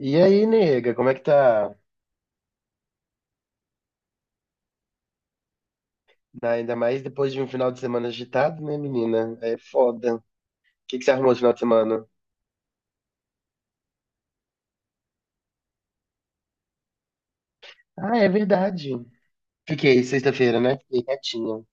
E aí, nega, como é que tá? Ainda mais depois de um final de semana agitado, né, menina? É foda. O que que você arrumou de final de semana? Ah, é verdade. Fiquei sexta-feira, né? Fiquei quietinha.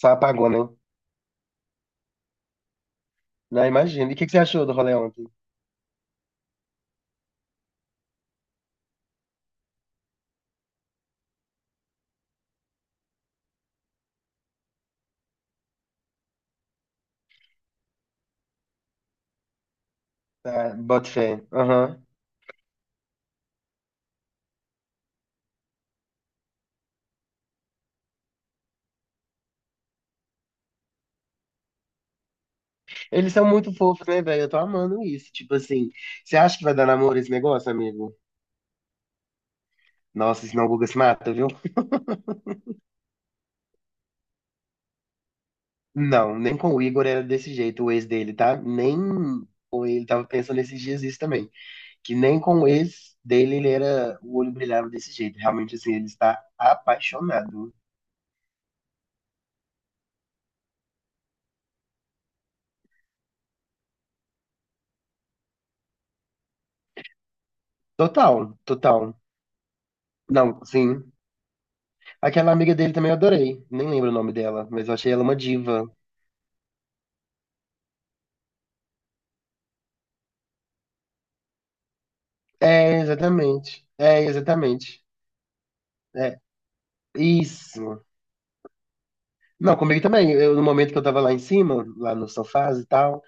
Só apagou, né? Não, imagina. E o que que você achou do rolê ontem? Ah, bota fé. Aham. Eles são muito fofos, né, velho? Eu tô amando isso. Tipo assim, você acha que vai dar namoro esse negócio, amigo? Nossa, senão o Guga se mata, viu? Não, nem com o Igor era desse jeito, o ex dele, tá? Nem com ele tava pensando esses dias isso também. Que nem com o ex dele ele era, o olho brilhava desse jeito. Realmente, assim, ele está apaixonado. Total, total. Não, sim. Aquela amiga dele também eu adorei. Nem lembro o nome dela, mas eu achei ela uma diva. É, exatamente. É, exatamente. É, isso. Não, comigo também. Eu, no momento que eu tava lá em cima, lá no sofá e tal,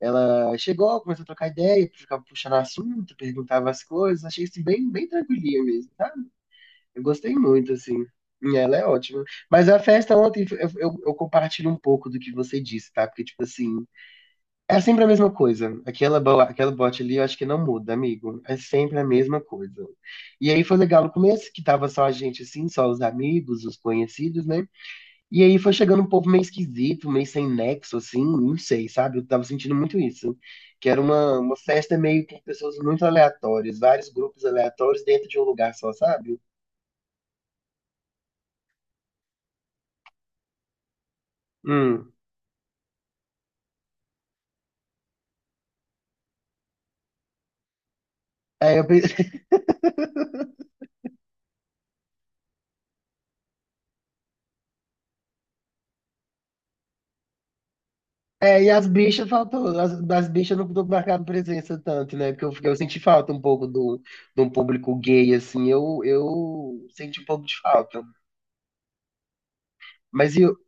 ela chegou, começou a trocar ideia, ficava puxando assunto, perguntava as coisas. Achei isso bem, bem tranquilinha mesmo, tá? Eu gostei muito, assim. E ela é ótima. Mas a festa ontem, eu compartilho um pouco do que você disse, tá? Porque, tipo assim, é sempre a mesma coisa. Aquela, aquela bote ali, eu acho que não muda, amigo. É sempre a mesma coisa. E aí foi legal no começo, que tava só a gente, assim, só os amigos, os conhecidos, né? E aí foi chegando um povo meio esquisito, meio sem nexo, assim, não sei, sabe? Eu tava sentindo muito isso. Que era uma festa meio com pessoas muito aleatórias, vários grupos aleatórios dentro de um lugar só, sabe? Hum. Aí eu, pe- É, e as bichas faltou, as, das bichas eu não tô marcando presença tanto, né? Porque eu, eu senti falta um pouco do, de um público gay, assim, eu senti um pouco de falta. Mas e o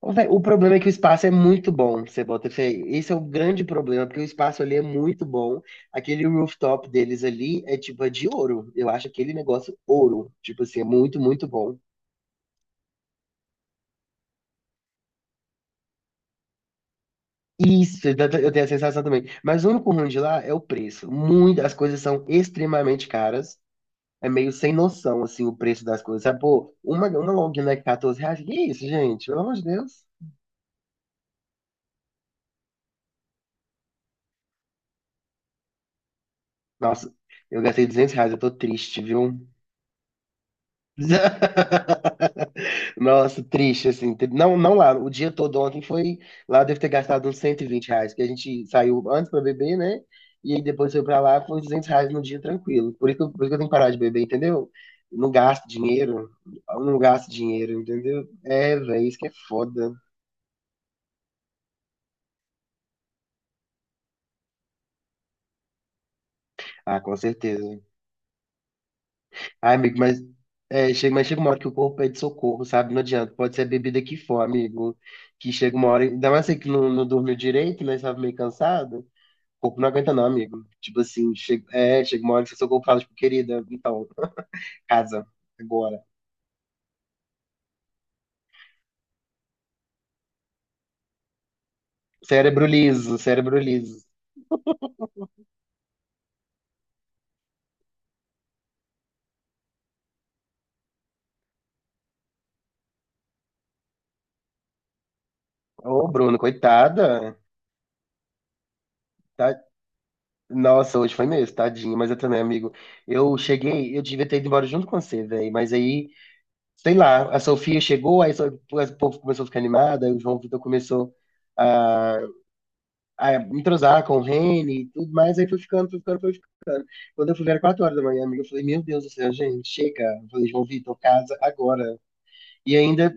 ô, véi, o problema é que o espaço é muito bom, você bota fé. Esse é o grande problema, porque o espaço ali é muito bom. Aquele rooftop deles ali é tipo é de ouro. Eu acho aquele negócio ouro. Tipo assim, é muito, muito bom. Isso, eu tenho a sensação também. Mas o único ruim de lá é o preço. Muito, as coisas são extremamente caras. É meio sem noção, assim, o preço das coisas. Sabe, pô, uma long neck, R$ 14. Que isso, gente? Pelo amor de Deus. Nossa, eu gastei R$ 200, eu tô triste, viu? Nossa, triste, assim. Não, não lá, o dia todo ontem foi. Lá eu devo ter gastado uns R$ 120, porque a gente saiu antes pra beber, né? E aí depois foi pra lá, foi R$ 200 no dia tranquilo. Por isso, por isso que eu tenho que parar de beber, entendeu? Não gasto dinheiro, eu não gasto dinheiro, entendeu? É, velho, isso que é foda. Ah, com certeza. Ai, amigo, mas, chega uma hora que o corpo pede socorro, sabe? Não adianta. Pode ser a bebida que for, amigo. Que chega uma hora. Ainda mais você que não, não dormiu direito, né? Sabe, meio cansado. O corpo não aguenta, não, amigo. Tipo assim, chega uma hora que o seu corpo fala, tipo, querida, então, casa, agora. Cérebro liso, cérebro liso. Ô, Bruno, coitada. Tá... Nossa, hoje foi mesmo, tadinho, mas eu também, amigo. Eu cheguei, eu devia ter ido embora junto com você, velho. Mas aí, sei lá, a Sofia chegou, o povo começou a ficar animado, aí o João Vitor começou a, a entrosar com o Reni e tudo mais, aí foi ficando, foi ficando, foi ficando. Quando eu fui ver era 4 horas da manhã, amiga, eu falei, meu Deus do céu, gente, chega. Eu falei, João Vitor, casa agora. E ainda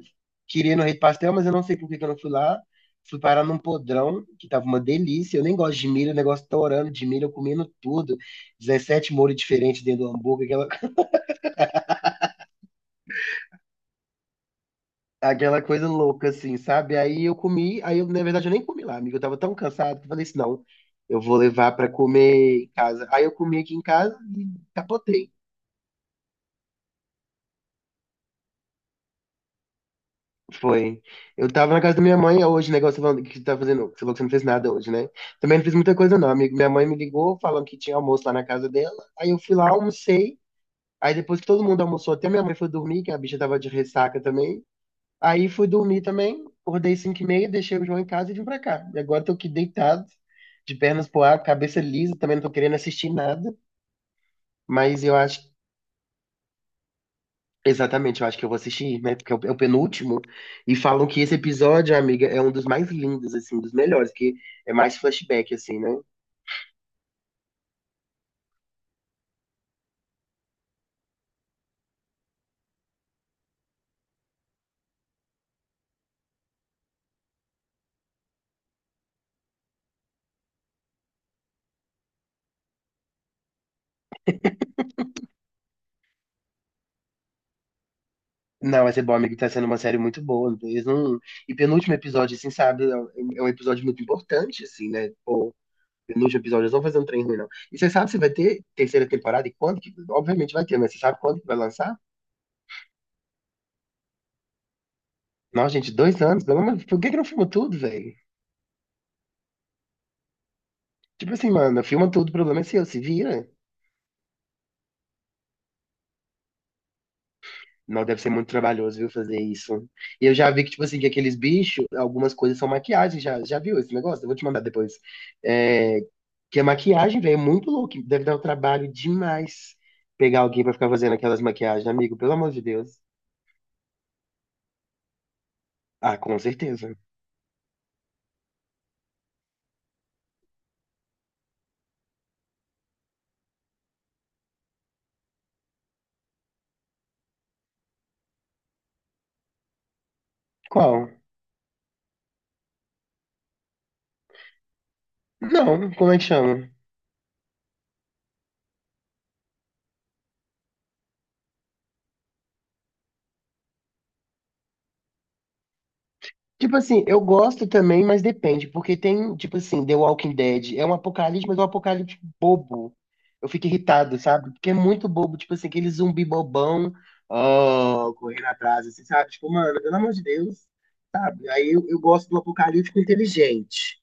queria ir no Rei do Pastel, mas eu não sei por que que eu não fui lá. Fui parar num podrão, que tava uma delícia. Eu nem gosto de milho, o negócio torando de milho, eu comendo tudo. 17 molhos diferentes dentro do hambúrguer, aquela, aquela coisa louca, assim, sabe? Aí eu comi, aí eu, na verdade, eu nem comi lá, amigo. Eu tava tão cansado que eu falei assim, não, eu vou levar pra comer em casa. Aí eu comi aqui em casa e capotei. Foi. Eu tava na casa da minha mãe hoje, negócio falando que você tá fazendo, você falou que você não fez nada hoje, né? Também não fiz muita coisa não, amigo. Minha mãe me ligou falando que tinha almoço lá na casa dela. Aí eu fui lá, almocei. Aí depois que todo mundo almoçou, até minha mãe foi dormir, que a bicha tava de ressaca também. Aí fui dormir também, acordei 5h30, deixei o João em casa e vim pra cá. E agora tô aqui deitado, de pernas pro ar, cabeça lisa, também não tô querendo assistir nada, mas eu acho, exatamente, eu acho que eu vou assistir, né, porque é o, é o penúltimo, e falam que esse episódio, amiga, é um dos mais lindos, assim, um dos melhores, que é mais flashback, assim, né? Não, mas é bom, amigo, tá sendo uma série muito boa, eles não... E penúltimo episódio, assim, sabe, é um episódio muito importante, assim, né. Pô, nos episódios eles vão fazer um trem ruim, não. E você sabe se vai ter terceira temporada e quando? Obviamente vai ter, mas você sabe quando que vai lançar? Nossa, gente, 2 anos, pelo menos, por que que não filma tudo, velho? Tipo assim, mano, filma tudo, o problema é seu, se vira. Não, deve ser muito trabalhoso, viu, fazer isso. E eu já vi que, tipo assim, que aqueles bichos, algumas coisas são maquiagem, já, já viu esse negócio? Eu vou te mandar depois. É, que a maquiagem, velho, é muito louco, deve dar um trabalho demais pegar alguém pra ficar fazendo aquelas maquiagens, amigo, pelo amor de Deus. Ah, com certeza. Qual? Não, como é que chama? Tipo assim, eu gosto também, mas depende, porque tem, tipo assim, The Walking Dead, é um apocalipse, mas é um apocalipse bobo. Eu fico irritado, sabe? Porque é muito bobo, tipo assim, aquele zumbi bobão, ó, correndo atrás, assim, sabe? Tipo, mano, pelo amor de Deus, sabe? Aí eu, gosto do apocalíptico inteligente.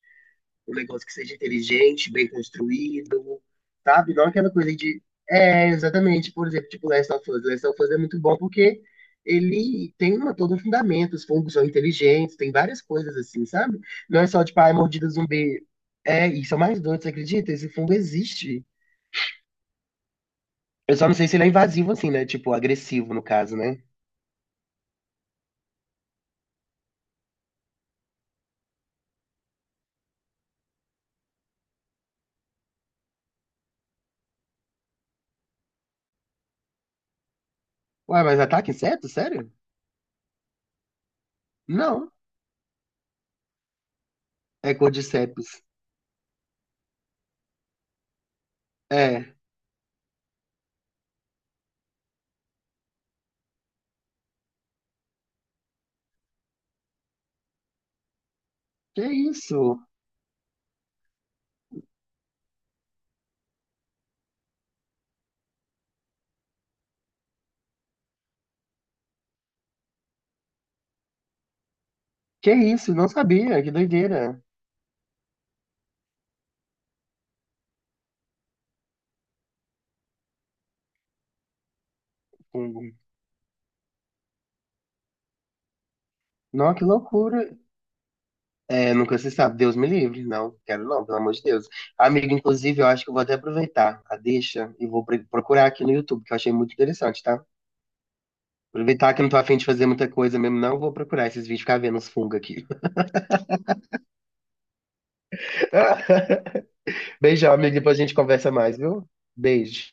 Um negócio que seja inteligente, bem construído, sabe? Não aquela coisa de. É, exatamente, por exemplo, tipo Last of Us. Last of Us é muito bom porque ele tem uma, todo um fundamento, os fungos são inteligentes, tem várias coisas assim, sabe? Não é só tipo, ah, mordida zumbi. É, e são mais doidos, você acredita? Esse fungo existe. Eu só não sei se ele é invasivo assim, né? Tipo, agressivo no caso, né? Ué, mas ataca inseto? Sério? Não. É Cordyceps. É. Que isso? Que isso? Não sabia. Que doideira. Fungo. Não, que loucura. É, nunca se sabe. Deus me livre. Não, quero não, pelo amor de Deus. Amigo, inclusive, eu acho que eu vou até aproveitar a deixa e vou procurar aqui no YouTube, que eu achei muito interessante, tá? Aproveitar que eu não tô afim de fazer muita coisa mesmo, não. Vou procurar esses vídeos, ficar vendo os fungos aqui. Beijão, amigo. Depois a gente conversa mais, viu? Beijo.